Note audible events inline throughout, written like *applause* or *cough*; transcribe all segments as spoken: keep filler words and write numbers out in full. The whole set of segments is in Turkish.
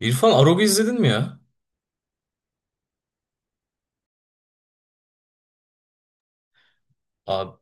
İrfan Arog'u izledin mi ya? Abi,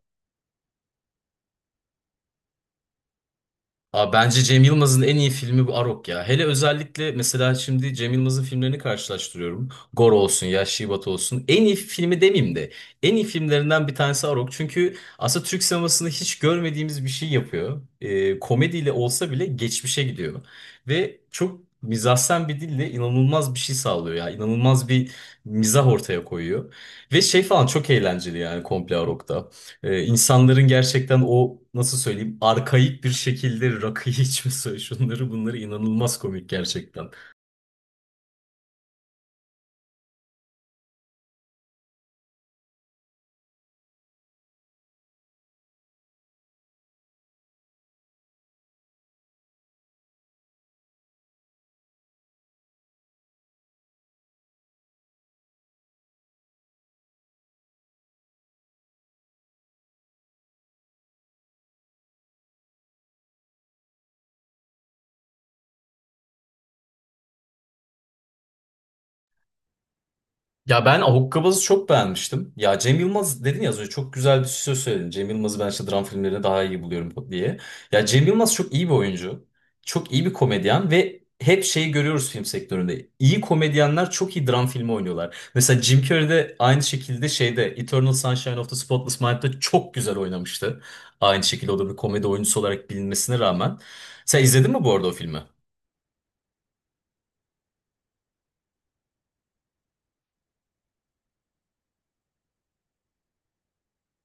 abi bence Cem Yılmaz'ın en iyi filmi bu Arog ya. Hele özellikle mesela şimdi Cem Yılmaz'ın filmlerini karşılaştırıyorum. Gor olsun, ya Batı olsun. En iyi filmi demeyeyim de en iyi filmlerinden bir tanesi Arog. Çünkü aslında Türk sinemasında hiç görmediğimiz bir şey yapıyor. Ee, komediyle olsa bile geçmişe gidiyor. Ve çok mizahsen bir dille inanılmaz bir şey sağlıyor ya. İnanılmaz bir mizah ortaya koyuyor. Ve şey falan çok eğlenceli yani komple Arog'da. Ee, insanların gerçekten o nasıl söyleyeyim arkaik bir şekilde rakıyı *laughs* içmesi, şunları bunları inanılmaz komik gerçekten. Ya ben Ahukkabaaz'ı çok beğenmiştim. Ya Cem Yılmaz dedin ya az önce çok güzel bir söz söyledin. Cem Yılmaz'ı ben işte dram filmlerinde daha iyi buluyorum diye. Ya Cem Yılmaz çok iyi bir oyuncu. Çok iyi bir komedyen ve hep şeyi görüyoruz film sektöründe. İyi komedyenler çok iyi dram filmi oynuyorlar. Mesela Jim Carrey de aynı şekilde şeyde Eternal Sunshine of the Spotless Mind'de çok güzel oynamıştı. Aynı şekilde o da bir komedi oyuncusu olarak bilinmesine rağmen. Sen izledin mi bu arada o filmi?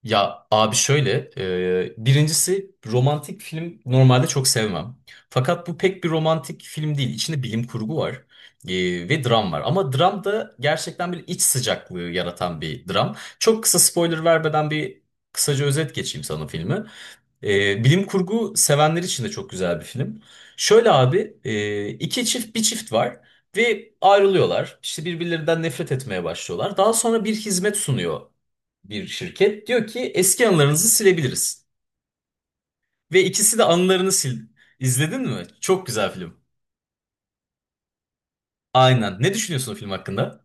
Ya abi şöyle, e, birincisi romantik film normalde çok sevmem. Fakat bu pek bir romantik film değil. İçinde bilim kurgu var, e, ve dram var. Ama dram da gerçekten bir iç sıcaklığı yaratan bir dram. Çok kısa spoiler vermeden bir kısaca özet geçeyim sana filmi. E, bilim kurgu sevenler için de çok güzel bir film. Şöyle abi, e, iki çift bir çift var ve ayrılıyorlar. İşte birbirlerinden nefret etmeye başlıyorlar. Daha sonra bir hizmet sunuyor bir şirket. Diyor ki eski anılarınızı silebiliriz. Ve ikisi de anılarını sil. İzledin mi? Çok güzel film. Aynen. Ne düşünüyorsun o film hakkında?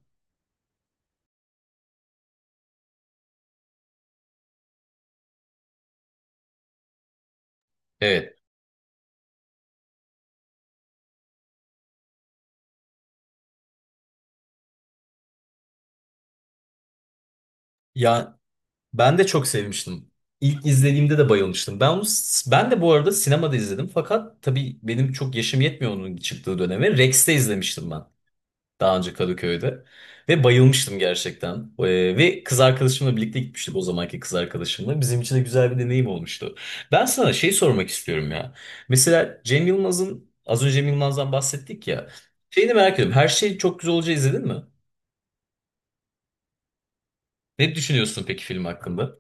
Evet. Ya Ben de çok sevmiştim. İlk izlediğimde de bayılmıştım. Ben onu, ben de bu arada sinemada izledim. Fakat tabii benim çok yaşım yetmiyor onun çıktığı döneme. Rex'te izlemiştim ben. Daha önce Kadıköy'de. Ve bayılmıştım gerçekten. Ee, ve kız arkadaşımla birlikte gitmiştik o zamanki kız arkadaşımla. Bizim için de güzel bir deneyim olmuştu. Ben sana şey sormak istiyorum ya. Mesela Cem Yılmaz'ın, az önce Cem Yılmaz'dan bahsettik ya. Şeyini merak ediyorum. Her şey çok güzel olacağı izledin mi? Ne düşünüyorsun peki film hakkında?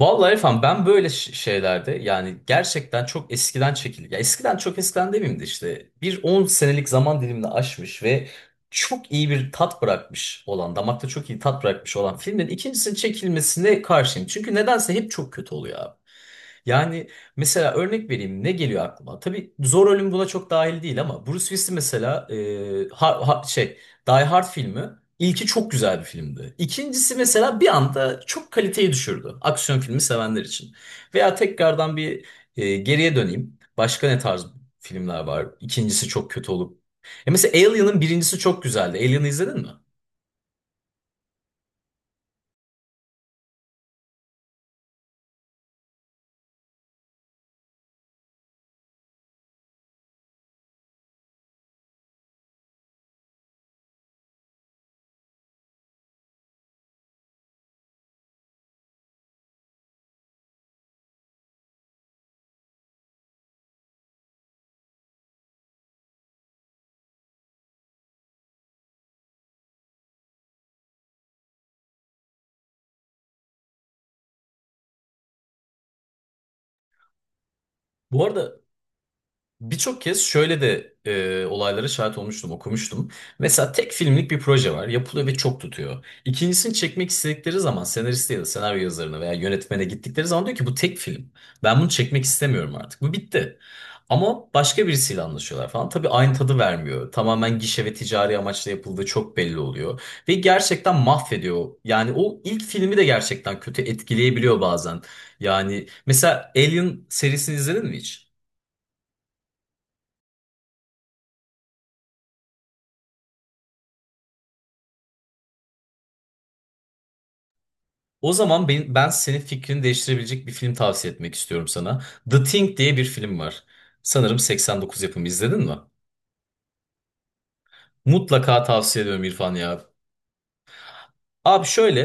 Vallahi efendim ben böyle ş- şeylerde yani gerçekten çok eskiden çekildi. Ya eskiden çok eskiden demeyeyim de işte bir on senelik zaman dilimini aşmış ve çok iyi bir tat bırakmış olan, damakta çok iyi tat bırakmış olan filmin ikincisinin çekilmesine karşıyım. Çünkü nedense hep çok kötü oluyor abi. Yani mesela örnek vereyim ne geliyor aklıma? Tabii Zor Ölüm buna çok dahil değil ama Bruce Willis mesela e, ha- ha- şey Die Hard filmi ilki çok güzel bir filmdi. İkincisi mesela bir anda çok kaliteyi düşürdü aksiyon filmi sevenler için. Veya tekrardan bir e, geriye döneyim. Başka ne tarz filmler var? İkincisi çok kötü olup. E mesela Alien'ın birincisi çok güzeldi. Alien'ı izledin mi? Bu arada Birçok kez şöyle de, e, olaylara şahit olmuştum, okumuştum. Mesela tek filmlik bir proje var, yapılıyor ve çok tutuyor. İkincisini çekmek istedikleri zaman senariste ya da senaryo yazarına veya yönetmene gittikleri zaman diyor ki bu tek film. Ben bunu çekmek istemiyorum artık. Bu bitti. Ama başka birisiyle anlaşıyorlar falan. Tabii aynı tadı vermiyor. Tamamen gişe ve ticari amaçla yapıldığı çok belli oluyor. Ve gerçekten mahvediyor. Yani o ilk filmi de gerçekten kötü etkileyebiliyor bazen. Yani mesela Alien serisini izledin mi hiç? O zaman ben, ben senin fikrini değiştirebilecek bir film tavsiye etmek istiyorum sana. The Thing diye bir film var. Sanırım seksen dokuz yapımı izledin mi? Mutlaka tavsiye ediyorum İrfan ya. Abi şöyle,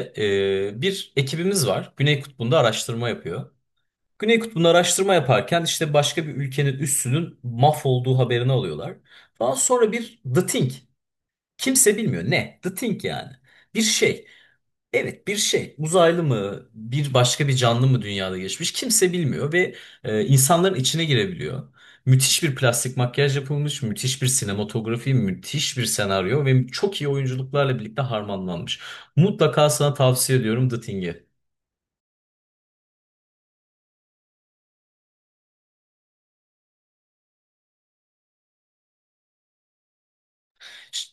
e, bir ekibimiz var. Güney Kutbu'nda araştırma yapıyor. Güney Kutbu'nda araştırma yaparken işte başka bir ülkenin üssünün mahvolduğu haberini alıyorlar. Daha sonra bir The Thing. Kimse bilmiyor ne? The Thing yani. Bir şey. Evet, bir şey uzaylı mı bir başka bir canlı mı dünyada geçmiş kimse bilmiyor ve e, insanların içine girebiliyor. Müthiş bir plastik makyaj yapılmış, müthiş bir sinematografi, müthiş bir senaryo ve çok iyi oyunculuklarla birlikte harmanlanmış. Mutlaka sana tavsiye ediyorum The Thing'i. Ş-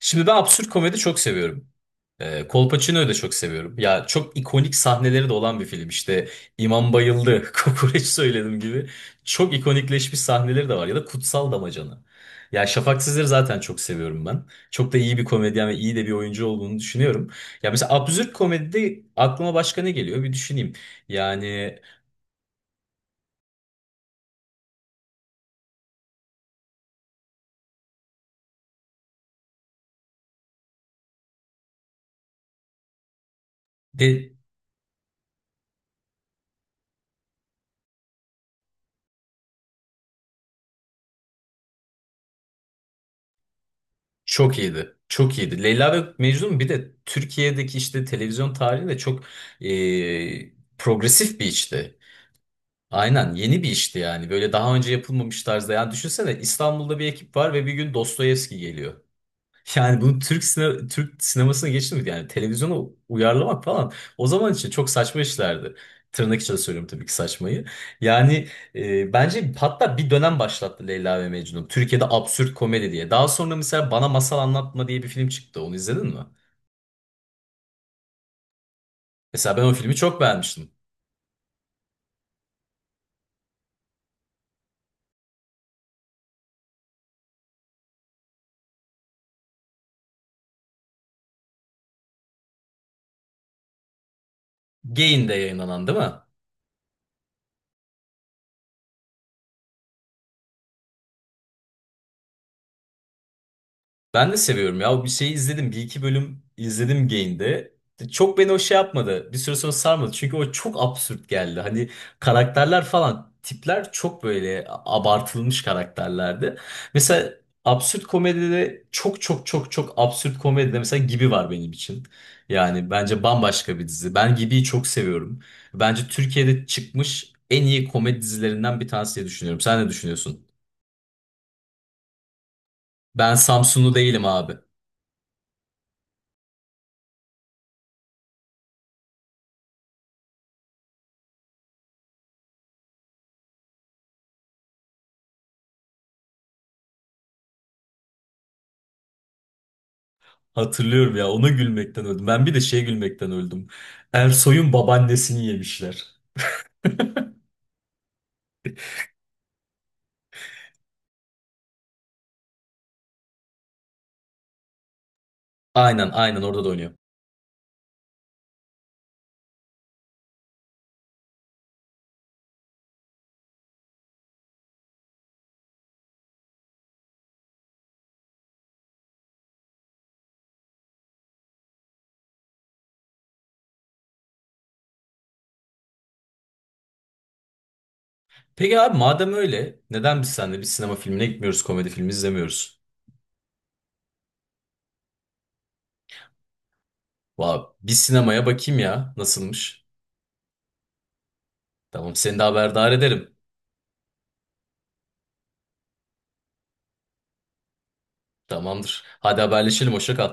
Şimdi ben absürt komedi çok seviyorum. E, Kolpaçino'yu da çok seviyorum. Ya çok ikonik sahneleri de olan bir film. İşte İmam bayıldı, *laughs* kokoreç söyledim gibi. Çok ikonikleşmiş sahneleri de var. Ya da Kutsal Damacana. Ya Şafak Sezer'i zaten çok seviyorum ben. Çok da iyi bir komedyen ve iyi de bir oyuncu olduğunu düşünüyorum. Ya mesela absürt komedide aklıma başka ne geliyor bir düşüneyim. Yani de çok iyiydi. Çok iyiydi. Leyla ve Mecnun bir de Türkiye'deki işte televizyon tarihinde çok, e, progresif bir işti. Aynen yeni bir işti yani. Böyle daha önce yapılmamış tarzda. Yani düşünsene İstanbul'da bir ekip var ve bir gün Dostoyevski geliyor. *laughs* Yani bunu Türk sine Türk sinemasına geçti mi? Yani televizyona uyarlamak falan. O zaman için çok saçma işlerdi. Tırnak içinde söylüyorum tabii ki saçmayı. Yani, e, bence hatta bir dönem başlattı Leyla ve Mecnun. Türkiye'de absürt komedi diye. Daha sonra mesela Bana Masal Anlatma diye bir film çıktı. Onu izledin mi? Mesela ben o filmi çok beğenmiştim. Gain'de yayınlanan değil mi? Ben de seviyorum ya. Bir şeyi izledim. Bir iki bölüm izledim Gain'de. Çok beni o şey yapmadı. Bir süre sonra sarmadı. Çünkü o çok absürt geldi. Hani karakterler falan tipler çok böyle abartılmış karakterlerdi. Mesela absürt komedide çok çok çok çok absürt komedide mesela Gibi var benim için. Yani bence bambaşka bir dizi. Ben Gibi'yi çok seviyorum. Bence Türkiye'de çıkmış en iyi komedi dizilerinden bir tanesi diye düşünüyorum. Sen ne düşünüyorsun? Ben Samsunlu değilim abi. Hatırlıyorum ya, ona gülmekten öldüm. Ben bir de şeye gülmekten öldüm. Ersoy'un babaannesini yemişler. Aynen, aynen, orada da oynuyor. Peki abi madem öyle neden biz seninle bir sinema filmine gitmiyoruz, komedi filmi izlemiyoruz? Vay, bir sinemaya bakayım ya nasılmış. Tamam, seni de haberdar ederim. Tamamdır. Hadi haberleşelim, hoşça kal.